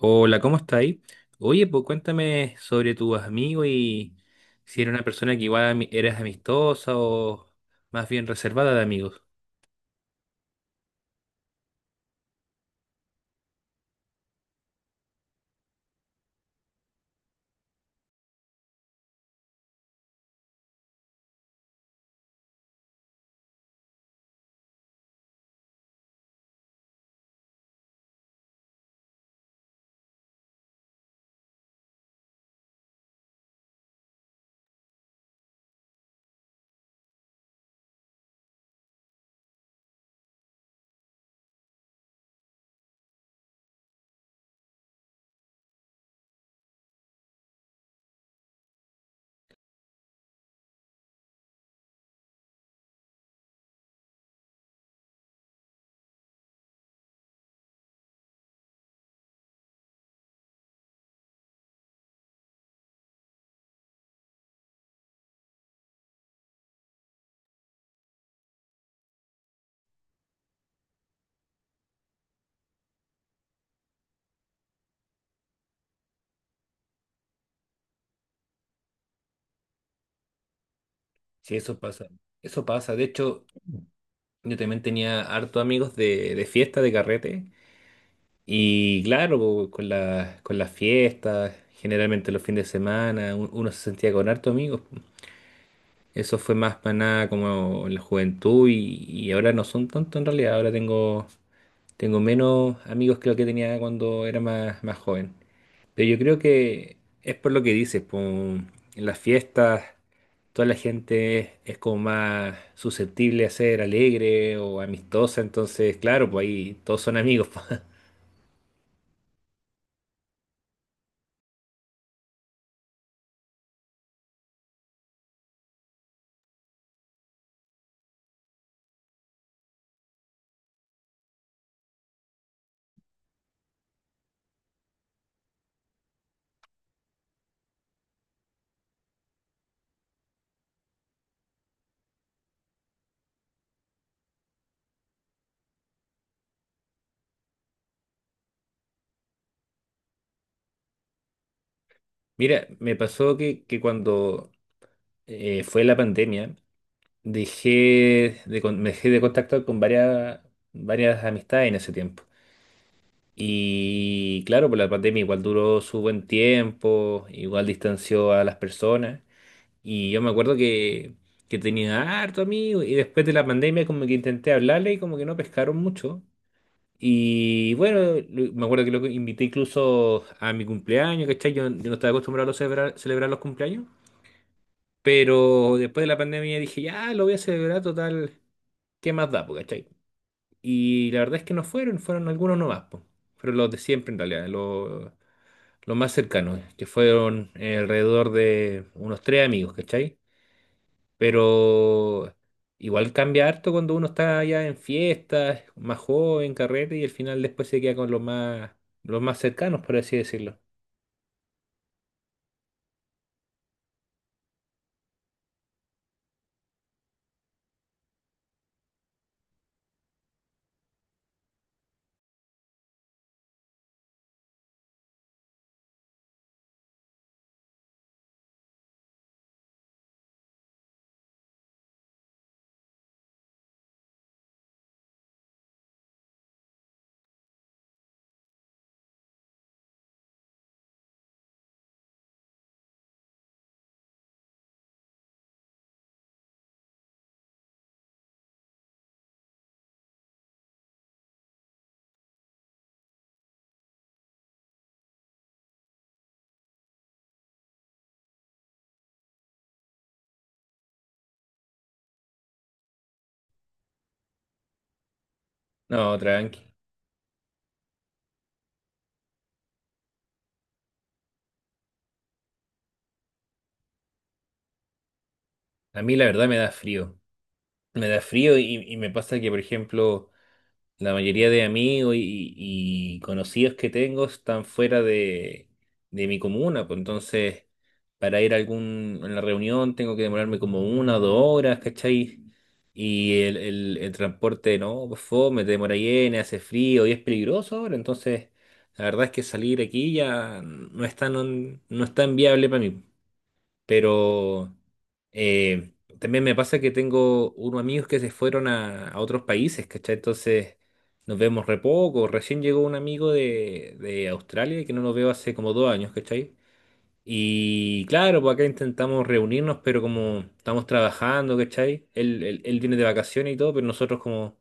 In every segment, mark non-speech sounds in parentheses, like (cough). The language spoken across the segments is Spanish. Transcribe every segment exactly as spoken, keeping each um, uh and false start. Hola, ¿cómo estáis? Oye, pues cuéntame sobre tus amigos y si eres una persona que igual ami- eres amistosa o más bien reservada de amigos. Sí, eso pasa. Eso pasa. De hecho, yo también tenía harto amigos de, de fiesta, de carrete. Y claro, pues, con la- con las fiestas, generalmente los fines de semana, un- uno se sentía con harto amigos. Eso fue más para nada como en la juventud y, y ahora no son tanto en realidad. Ahora tengo Tengo menos amigos que lo que tenía cuando era más, más joven. Pero yo creo que es por lo que dices, po, en las fiestas toda la gente es como más susceptible a ser alegre o amistosa, entonces claro, pues ahí todos son amigos, po. (laughs) Mira, me pasó que, que cuando eh, fue la pandemia, dejé de, con- me dejé de contactar con varias, varias amistades en ese tiempo. Y claro, pues la pandemia igual duró su buen tiempo, igual distanció a las personas. Y yo me acuerdo que, que tenía harto amigo y después de la pandemia como que intenté hablarle y como que no pescaron mucho. Y bueno, lo- me acuerdo que lo invité incluso a mi cumpleaños, ¿cachai? Yo, yo no estaba acostumbrado a celebrar, celebrar los cumpleaños, pero después de la pandemia dije, ya, lo voy a celebrar total, ¿qué más da, po, cachai? Y la verdad es que no fueron, fueron algunos nomás, po. Fueron los de siempre en realidad, los... Lo más cercano, eh, que fueron eh, alrededor de unos tres amigos, ¿cachai? Pero igual cambia harto cuando uno está ya en fiestas, más joven, carrete, y al final después se queda con los más, los más cercanos, por así decirlo. No, tranqui. A mí la verdad me da frío. Me da frío y, y me pasa que, por ejemplo, la mayoría de amigos y, y conocidos que tengo están fuera de, de mi comuna, pues entonces para ir a algún, a la reunión tengo que demorarme como una o dos horas, ¿cachai? Y el, el, el transporte, no, pues fome, te demora llena, hace frío y es peligroso ahora, entonces la verdad es que salir aquí ya no es tan, no es tan viable para mí. Pero eh, también me pasa que tengo unos amigos que se fueron a, a otros países, ¿cachai? Entonces nos vemos re poco. Recién llegó un amigo de, de Australia que no lo veo hace como dos años, ¿cachai? Y claro, pues acá intentamos reunirnos, pero como estamos trabajando, ¿cachai? Él, él, él viene de vacaciones y todo, pero nosotros como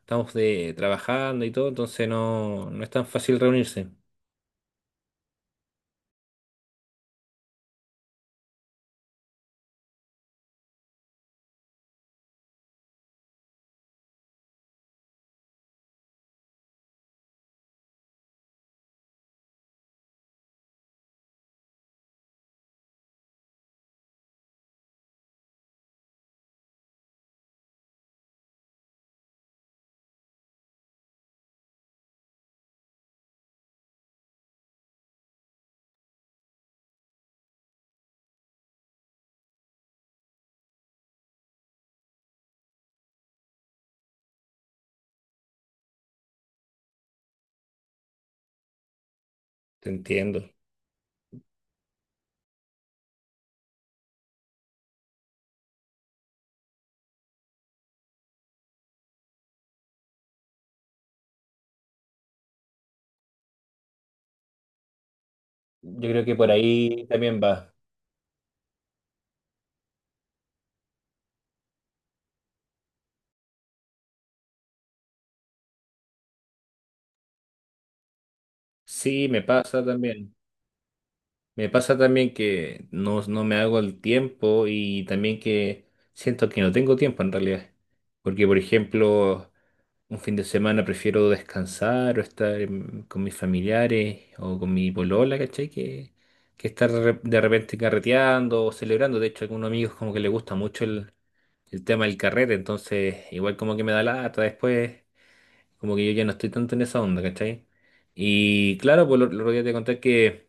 estamos de, trabajando y todo, entonces no, no es tan fácil reunirse. Te entiendo. Yo creo que por ahí también va. Sí, me pasa también. Me pasa también que no, no me hago el tiempo y también que siento que no tengo tiempo en realidad. Porque, por ejemplo, un fin de semana prefiero descansar o estar en- con mis familiares o con mi polola, ¿cachai? Que, que estar re- de repente carreteando o celebrando. De hecho, a algunos amigos como que les gusta mucho el, el tema del carrete, entonces igual como que me da lata después, como que yo ya no estoy tanto en esa onda, ¿cachai? Y claro, pues lo, lo otro día te conté que...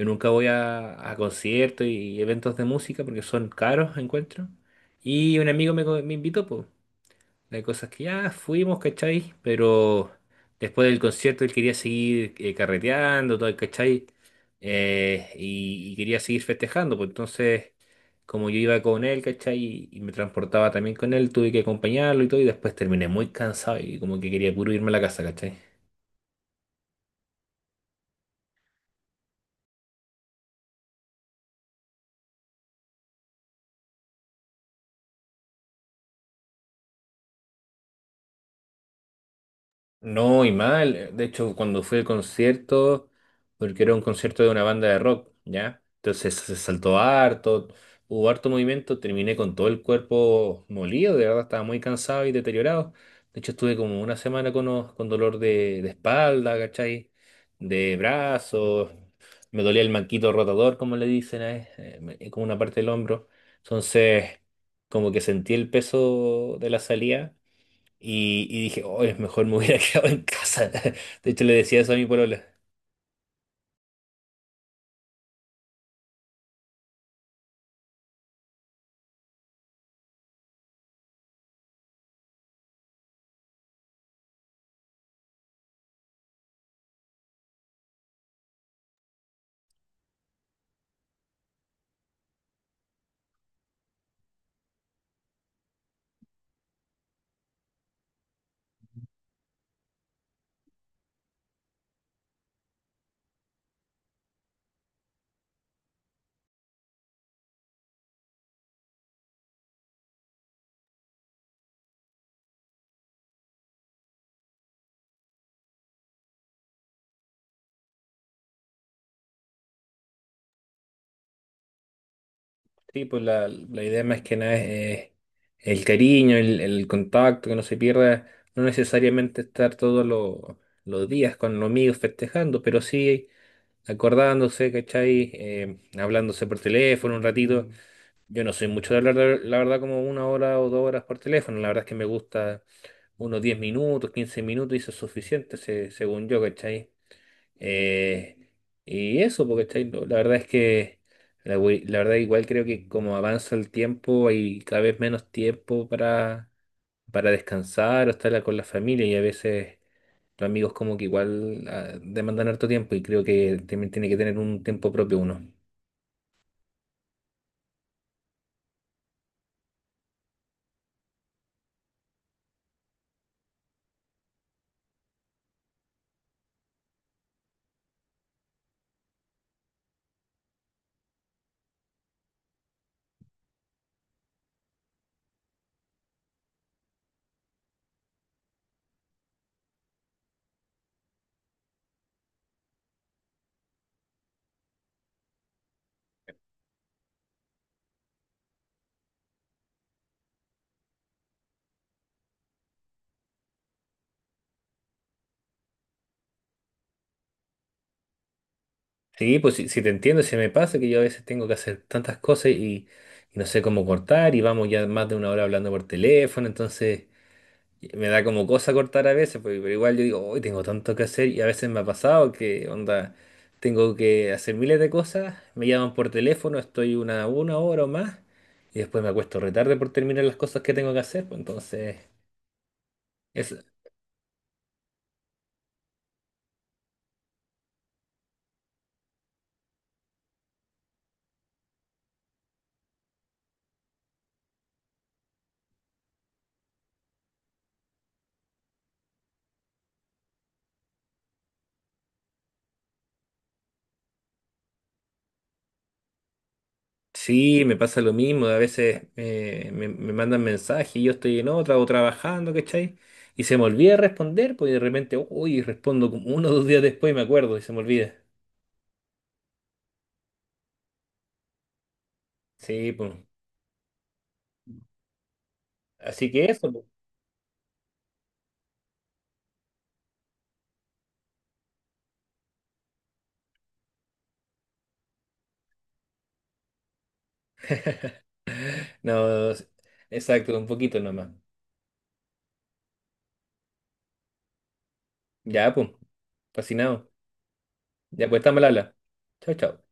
Yo nunca voy a, a conciertos y eventos de música porque son caros, encuentro. Y un amigo me, co- me invitó, pues. Hay cosas que ya fuimos, ¿cachai? Pero después del concierto él quería seguir eh, carreteando, todo, ¿cachai? Eh, y, y quería seguir festejando, pues entonces, como yo iba con él, ¿cachai? Y, y me transportaba también con él, tuve que acompañarlo y todo, y después terminé muy cansado y como que quería puro irme a la casa, ¿cachai? No, y mal. De hecho, cuando fui al concierto, porque era un concierto de una banda de rock, ¿ya? Entonces se saltó harto, hubo harto movimiento, terminé con todo el cuerpo molido, de verdad estaba muy cansado y deteriorado. De hecho, estuve como una semana con, o- con dolor de, de espalda, ¿cachai? De brazos, me dolía el manquito rotador, como le dicen, ¿eh? Eh, me- eh, como una parte del hombro. Entonces, como que sentí el peso de la salida. Y, y dije, oh, es mejor me hubiera (laughs) quedado en casa. De hecho, le decía eso a mi polola. Sí, pues la, la idea más que nada es eh, el cariño, el, el contacto, que no se pierda. No necesariamente estar todos los los días con los amigos festejando, pero sí acordándose, ¿cachai? Eh, hablándose por teléfono un ratito. Yo no soy mucho de hablar, la la verdad, como una hora o dos horas por teléfono. La verdad es que me gusta unos diez minutos, quince minutos, y eso es suficiente, se- según yo, ¿cachai? Eh, y eso, porque ¿cachai? No, la verdad es que la, we- la verdad igual creo que como avanza el tiempo hay cada vez menos tiempo para, para descansar o estar con la familia y a veces los amigos como que igual ah, demandan harto tiempo y creo que también tiene que tener un tiempo propio uno. Sí, pues si, si te entiendo, se me pasa que yo a veces tengo que hacer tantas cosas y, y no sé cómo cortar y vamos ya más de una hora hablando por teléfono, entonces... Me da como cosa cortar a veces, porque- pero igual yo digo, hoy tengo tanto que hacer y a veces me ha pasado que, onda, tengo que hacer miles de cosas, me llaman por teléfono, estoy una, una hora o más y después me acuesto retarde por terminar las cosas que tengo que hacer. Pues entonces, es, sí, me pasa lo mismo, a veces eh, me, me mandan mensajes y yo estoy en otra o trabajando, ¿cachai? Y se me olvida responder, pues y de repente, uy, respondo como uno o dos días después y me acuerdo y se me olvida. Sí, pues. Así que eso, pues. (laughs) No, s- exacto, un poquito nomás. Ya, pues, fascinado. Ya, pues, estamos al habla. Chao, chao.